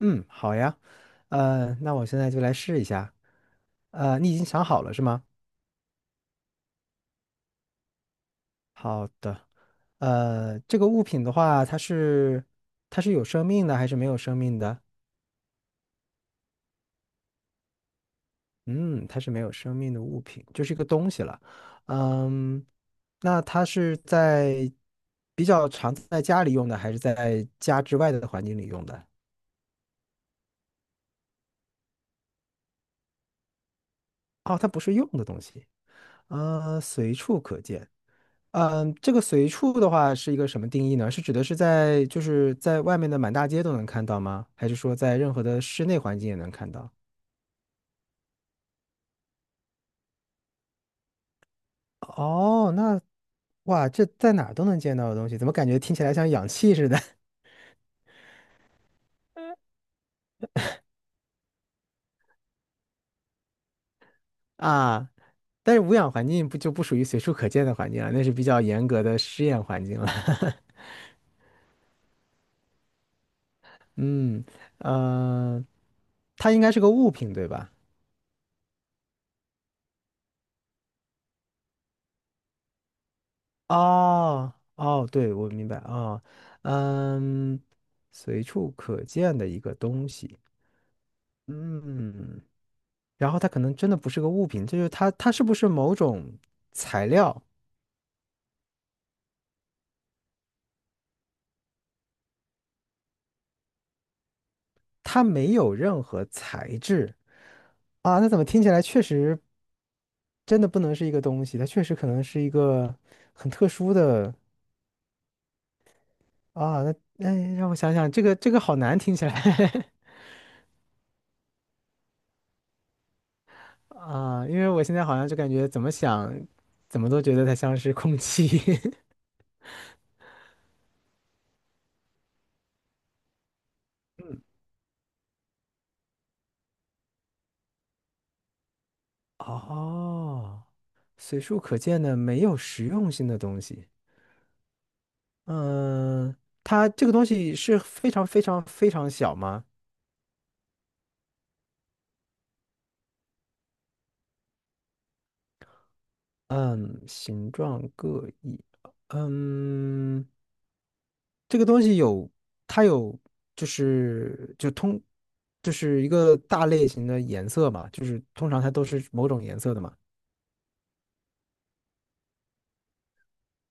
嗯，好呀。那我现在就来试一下。你已经想好了是吗？好的。这个物品的话，它是有生命的还是没有生命的？嗯，它是没有生命的物品，就是一个东西了。嗯，那它是在比较常在家里用的，还是在家之外的环境里用的？哦，它不是用的东西。随处可见。这个随处的话是一个什么定义呢？是指的是在就是在外面的满大街都能看到吗？还是说在任何的室内环境也能看到？哦，那哇，这在哪儿都能见到的东西，怎么感觉听起来像氧气似的。 啊？但是无氧环境不就不属于随处可见的环境了，那是比较严格的试验环境了。嗯，呃，它应该是个物品，对吧？哦哦，对，我明白啊。嗯，随处可见的一个东西。嗯，然后它可能真的不是个物品，这就是它，它是不是某种材料？它没有任何材质啊，那怎么听起来确实真的不能是一个东西？它确实可能是一个很特殊的。啊，那哎，让我想想，这个好难听起来。 啊，因为我现在好像就感觉怎么想，怎么都觉得它像是空气。哦，随处可见的没有实用性的东西。嗯，它这个东西是非常非常非常小吗？嗯，形状各异。嗯，这个东西有，它有，就是就通，就是一个大类型的颜色嘛，就是通常它都是某种颜色的嘛。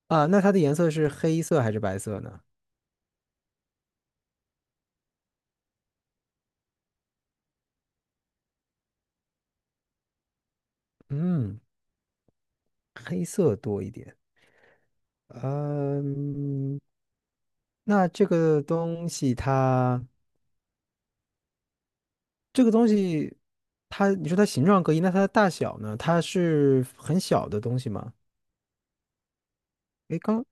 啊，那它的颜色是黑色还是白色呢？嗯，黑色多一点。嗯，那这个东西它，你说它形状各异，那它的大小呢？它是很小的东西吗？诶，刚，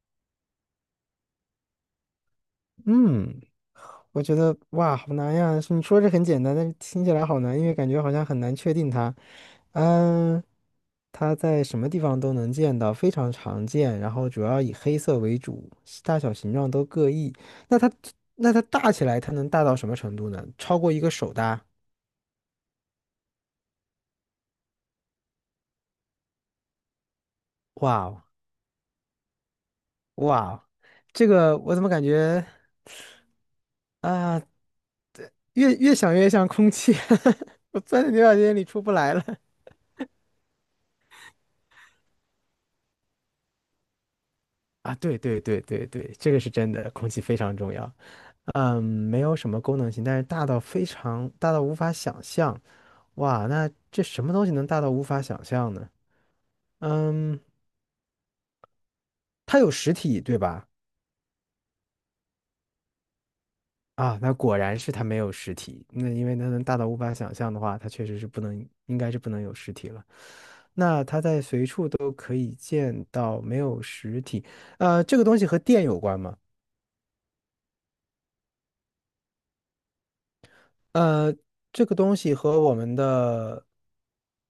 嗯，我觉得哇，好难呀！你说这很简单，但是听起来好难，因为感觉好像很难确定它。嗯，它在什么地方都能见到，非常常见，然后主要以黑色为主，大小形状都各异。那它，那它大起来，它能大到什么程度呢？超过一个手大？哇哦！哇，这个我怎么感觉啊，越想越像空气。我钻在牛角尖里出不来了。啊，对对对对对，这个是真的，空气非常重要。没有什么功能性，但是大到非常大到无法想象。哇，那这什么东西能大到无法想象呢？嗯，它有实体，对吧？啊，那果然是它没有实体。那因为它能大到无法想象的话，它确实是不能，应该是不能有实体了。那它在随处都可以见到，没有实体。这个东西和电有关吗？呃，这个东西和我们的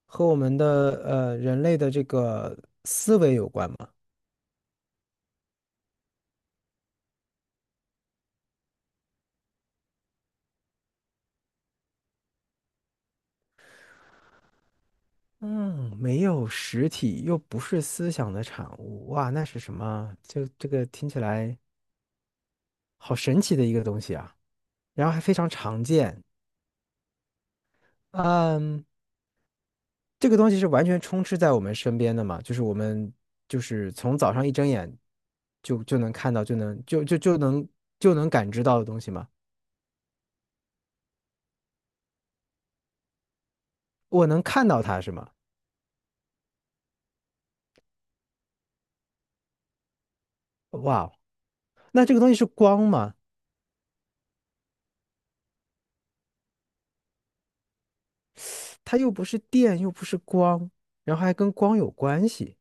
人类的这个思维有关吗？嗯，没有实体，又不是思想的产物。哇，那是什么？就这个听起来好神奇的一个东西啊！然后还非常常见。嗯，这个东西是完全充斥在我们身边的嘛，就是我们就是从早上一睁眼就能看到，就能就就就能就能感知到的东西嘛。我能看到它是吗？哇哦。那这个东西是光吗？它又不是电，又不是光，然后还跟光有关系。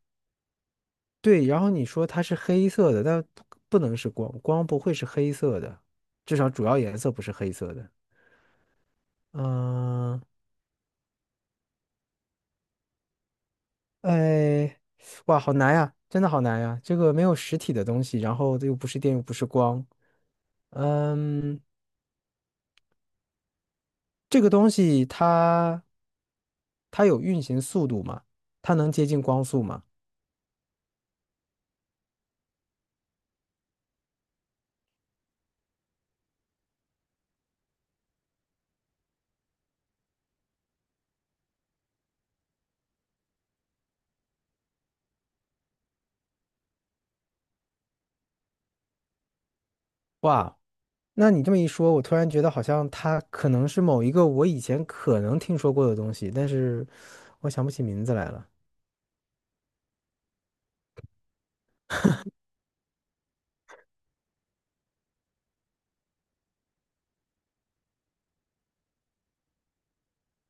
对，然后你说它是黑色的，但不能是光，光不会是黑色的，至少主要颜色不是黑色的。嗯，哎，哇，好难呀，真的好难呀！这个没有实体的东西，然后又不是电，又不是光。嗯，这个东西它有运行速度吗？它能接近光速吗？哇，那你这么一说，我突然觉得好像它可能是某一个我以前可能听说过的东西，但是我想不起名字来了。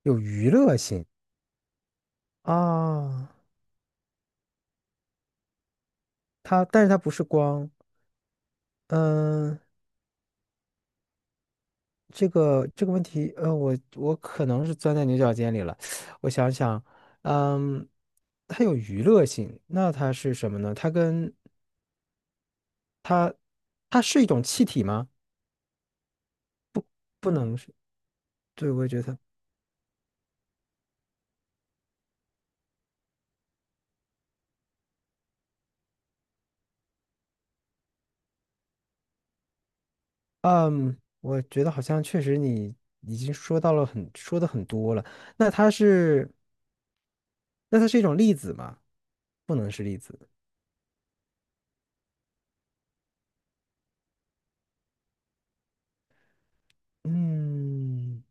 有娱乐性啊。它，但是它不是光。嗯。这个问题，我可能是钻在牛角尖里了。我想想。嗯，它有娱乐性，那它是什么呢？它跟它，它是一种气体吗？不能是，对，我也觉得。嗯，我觉得好像确实你已经说到了很，说的很多了。那它是，那它是，一种粒子吗？不能是粒子。嗯，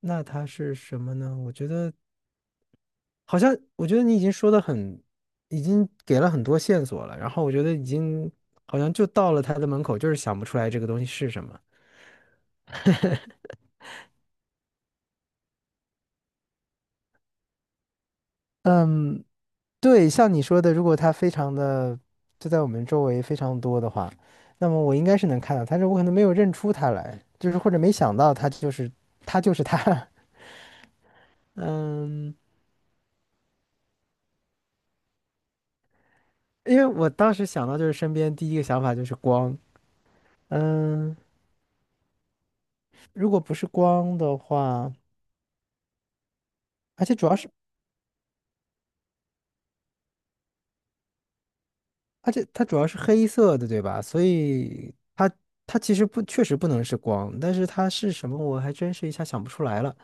那它是什么呢？我觉得好像我觉得你已经说的很，已经给了很多线索了，然后我觉得已经好像就到了他的门口，就是想不出来这个东西是什么。嗯，对，像你说的，如果它非常的就在我们周围非常多的话，那么我应该是能看到它，但是我可能没有认出他来，就是或者没想到他就是他就是他。嗯，因为我当时想到就是身边第一个想法就是光。嗯，如果不是光的话，而且主要是。而且它主要是黑色的，对吧？所以它其实不确实不能是光，但是它是什么，我还真是一下想不出来了。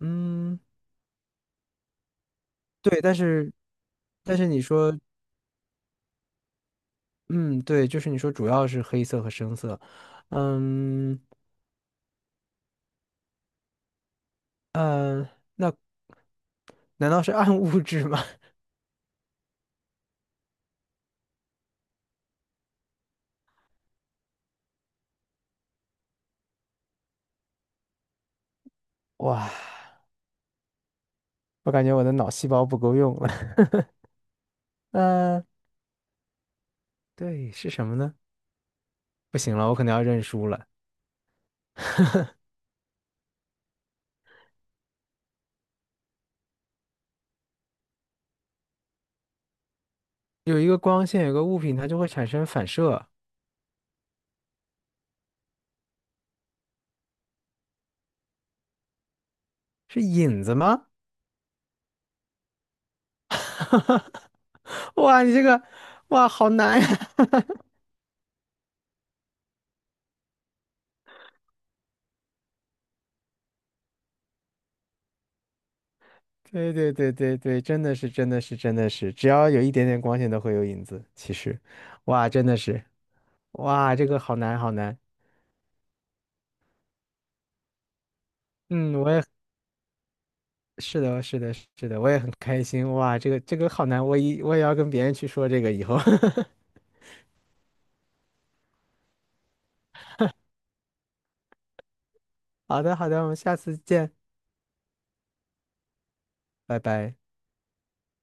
嗯，对，但是你说。嗯，对，就是你说主要是黑色和深色。嗯呃，那难道是暗物质吗？哇，我感觉我的脑细胞不够用了。呃，对，是什么呢？不行了，我可能要认输了。有一个光线，有个物品，它就会产生反射，是影子吗？哈，哇，你这个，哇，好难呀！对对对对对，真的是真的是真的是，只要有一点点光线都会有影子。其实，哇，真的是，哇，这个好难好难。嗯，我也是的，是的，是的，我也很开心。哇，这个好难，我也要跟别人去说这个以后。好的好的，我们下次见，拜拜。